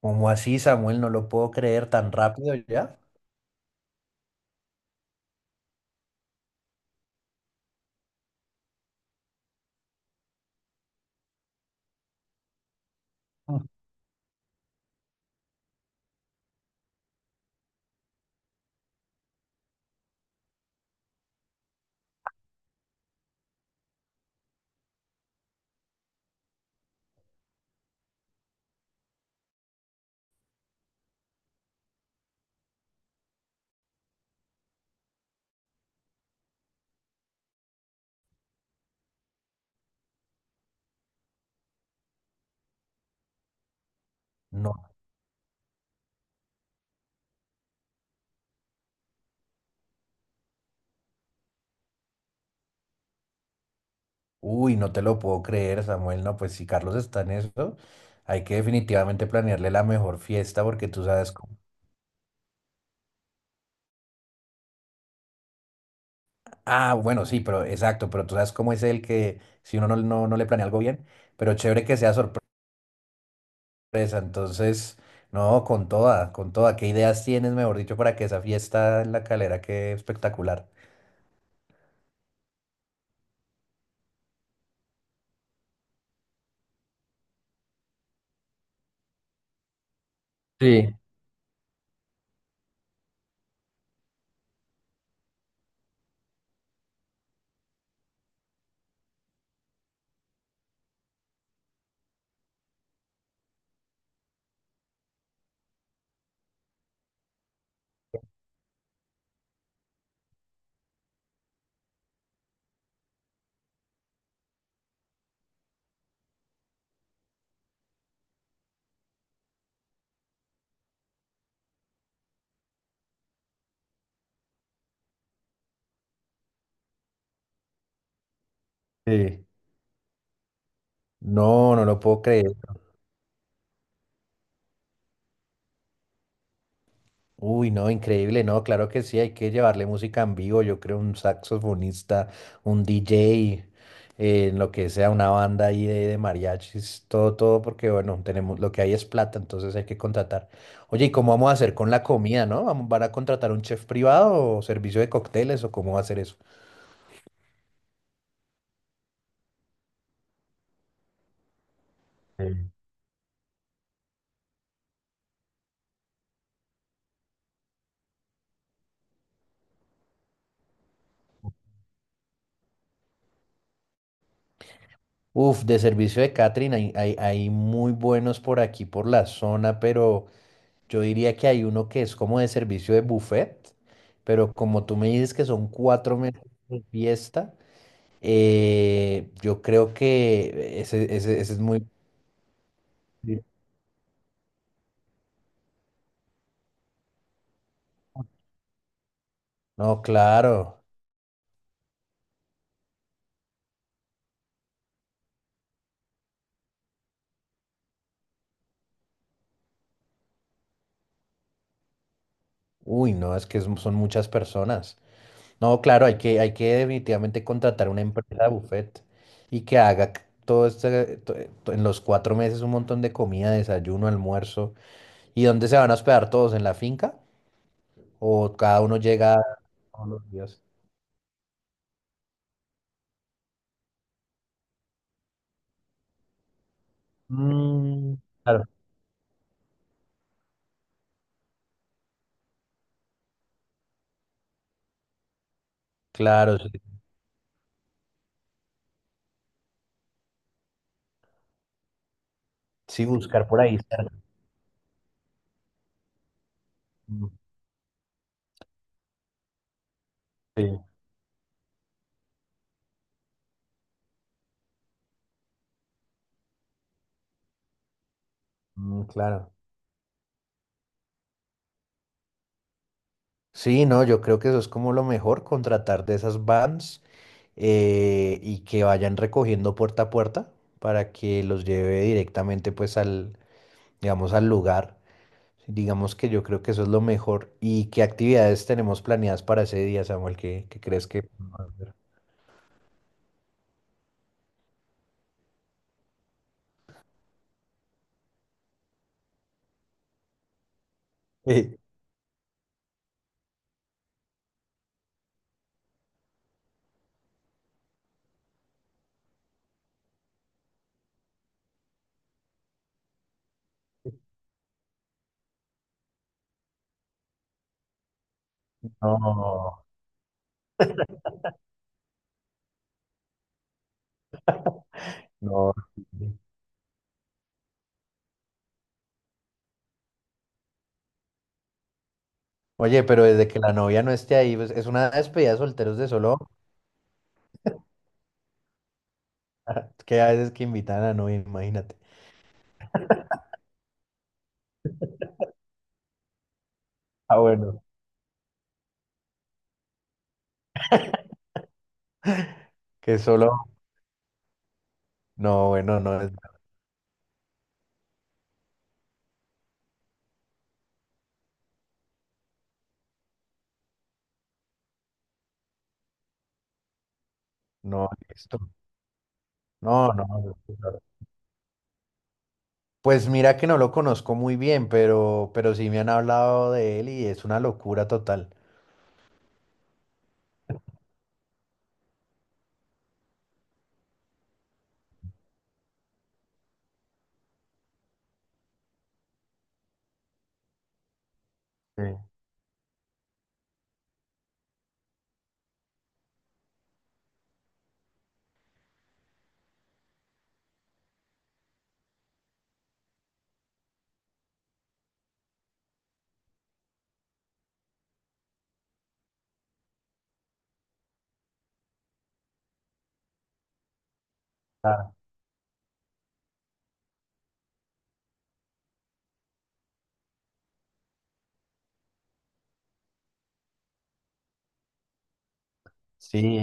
¿Cómo así, Samuel? No lo puedo creer tan rápido ya. No. Uy, no te lo puedo creer, Samuel. No, pues si Carlos está en eso, hay que definitivamente planearle la mejor fiesta porque tú sabes cómo... Ah, bueno, sí, pero exacto, pero tú sabes cómo es el que si uno no le planea algo bien, pero chévere que sea sorpresa. Entonces, no, con toda, con toda. ¿Qué ideas tienes, mejor dicho, para que esa fiesta en la Calera quede espectacular? Sí, sí. No, no lo puedo creer. Uy, no, increíble, no, claro que sí, hay que llevarle música en vivo, yo creo un saxofonista, un DJ, lo que sea, una banda ahí de mariachis, todo, todo, porque bueno, tenemos, lo que hay es plata, entonces hay que contratar. Oye, ¿y cómo vamos a hacer con la comida, no? ¿Vamos-? ¿Van a contratar un chef privado o servicio de cócteles o cómo va a ser eso? Mm. Uf, de servicio de catering hay, hay muy buenos por aquí, por la zona, pero yo diría que hay uno que es como de servicio de buffet, pero como tú me dices que son cuatro meses de fiesta, yo creo que ese, ese es muy... No, claro. Uy, no, es que es- son muchas personas. No, claro, hay que definitivamente contratar una empresa de buffet y que haga c- todo este, to- to- en los cuatro meses un montón de comida, desayuno, almuerzo. ¿Y dónde se van a hospedar todos? ¿En la finca? ¿O cada uno llega todos los días? Mm, claro, claro, sí. Sí, buscar por ahí cerca. Mm. Sí, mm, claro. Sí, no, yo creo que eso es como lo mejor, contratar de esas vans y que vayan recogiendo puerta a puerta para que los lleve directamente pues al, digamos, al lugar. Digamos que yo creo que eso es lo mejor. ¿Y qué actividades tenemos planeadas para ese día, Samuel? ¿Qué, qué crees que podemos hacer? No, no. Oye, pero desde que la novia no esté ahí, pues, es una despedida de solteros de solo, hombres, que a veces que invitan a la novia, imagínate. Ah, bueno. Que solo, no, bueno, no, es- no, esto, no. Pues mira que no lo conozco muy bien, pero sí me han hablado de él y es una locura total. Sí. Ah, sí,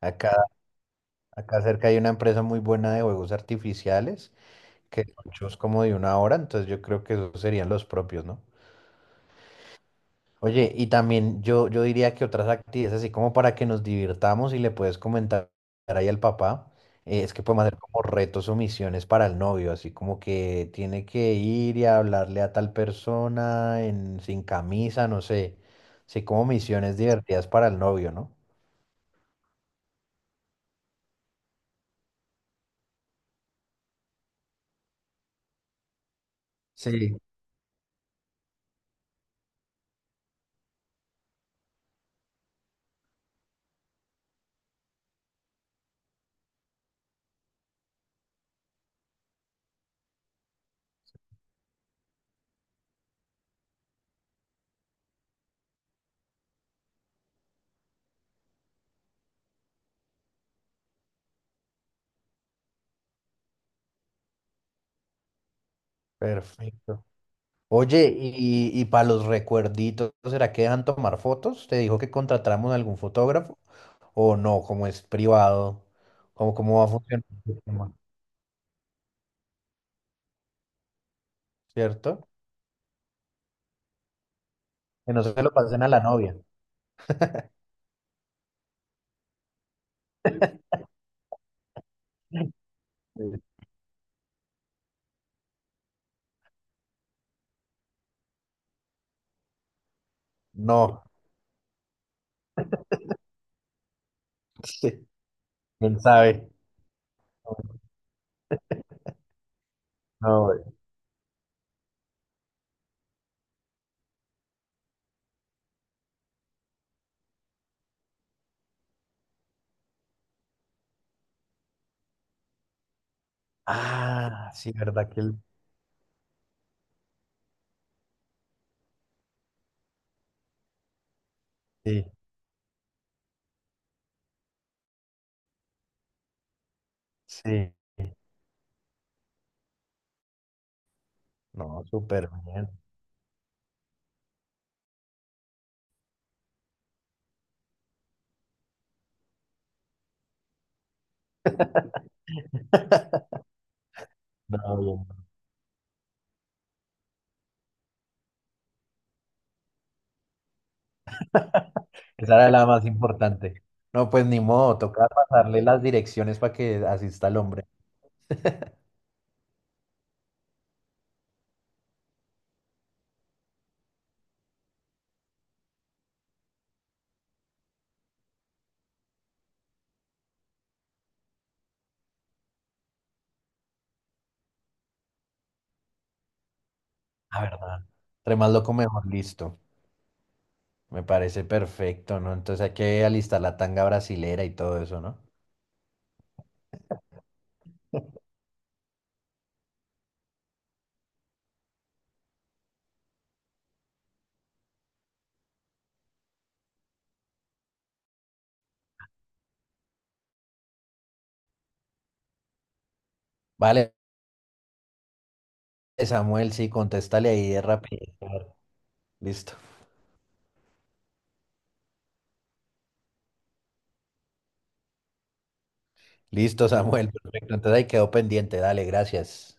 acá, acá cerca hay una empresa muy buena de juegos artificiales, que son shows como de una hora, entonces yo creo que esos serían los propios, ¿no? Oye, y también yo diría que otras actividades, así como para que nos divirtamos y le puedes comentar ahí al papá, es que podemos hacer como retos o misiones para el novio, así como que tiene que ir y hablarle a tal persona en, sin camisa, no sé, así como misiones divertidas para el novio, ¿no? Sí. Perfecto. Oye, y para los recuerditos, ¿será que dejan tomar fotos? ¿Te dijo que contratáramos algún fotógrafo? ¿O no? Como es privado, ¿cómo, cómo va a funcionar el tema? ¿Cierto? Que no se lo pasen a la novia. Eh, No. Sí. Quién sabe. No, Ah, sí, ¿verdad que él? Sí, sí. No, súper bien. No, bien. Esa era la más importante. No, pues ni modo, toca pasarle las direcciones para que asista el hombre. La verdad. Entre más loco, mejor listo. Me parece perfecto, ¿no? Entonces hay que alistar la tanga brasilera y todo eso, ¿no? Vale, Samuel, sí, contéstale ahí de rapidito. Listo. Listo, Samuel, perfecto. Entonces ahí quedó pendiente. Dale, gracias.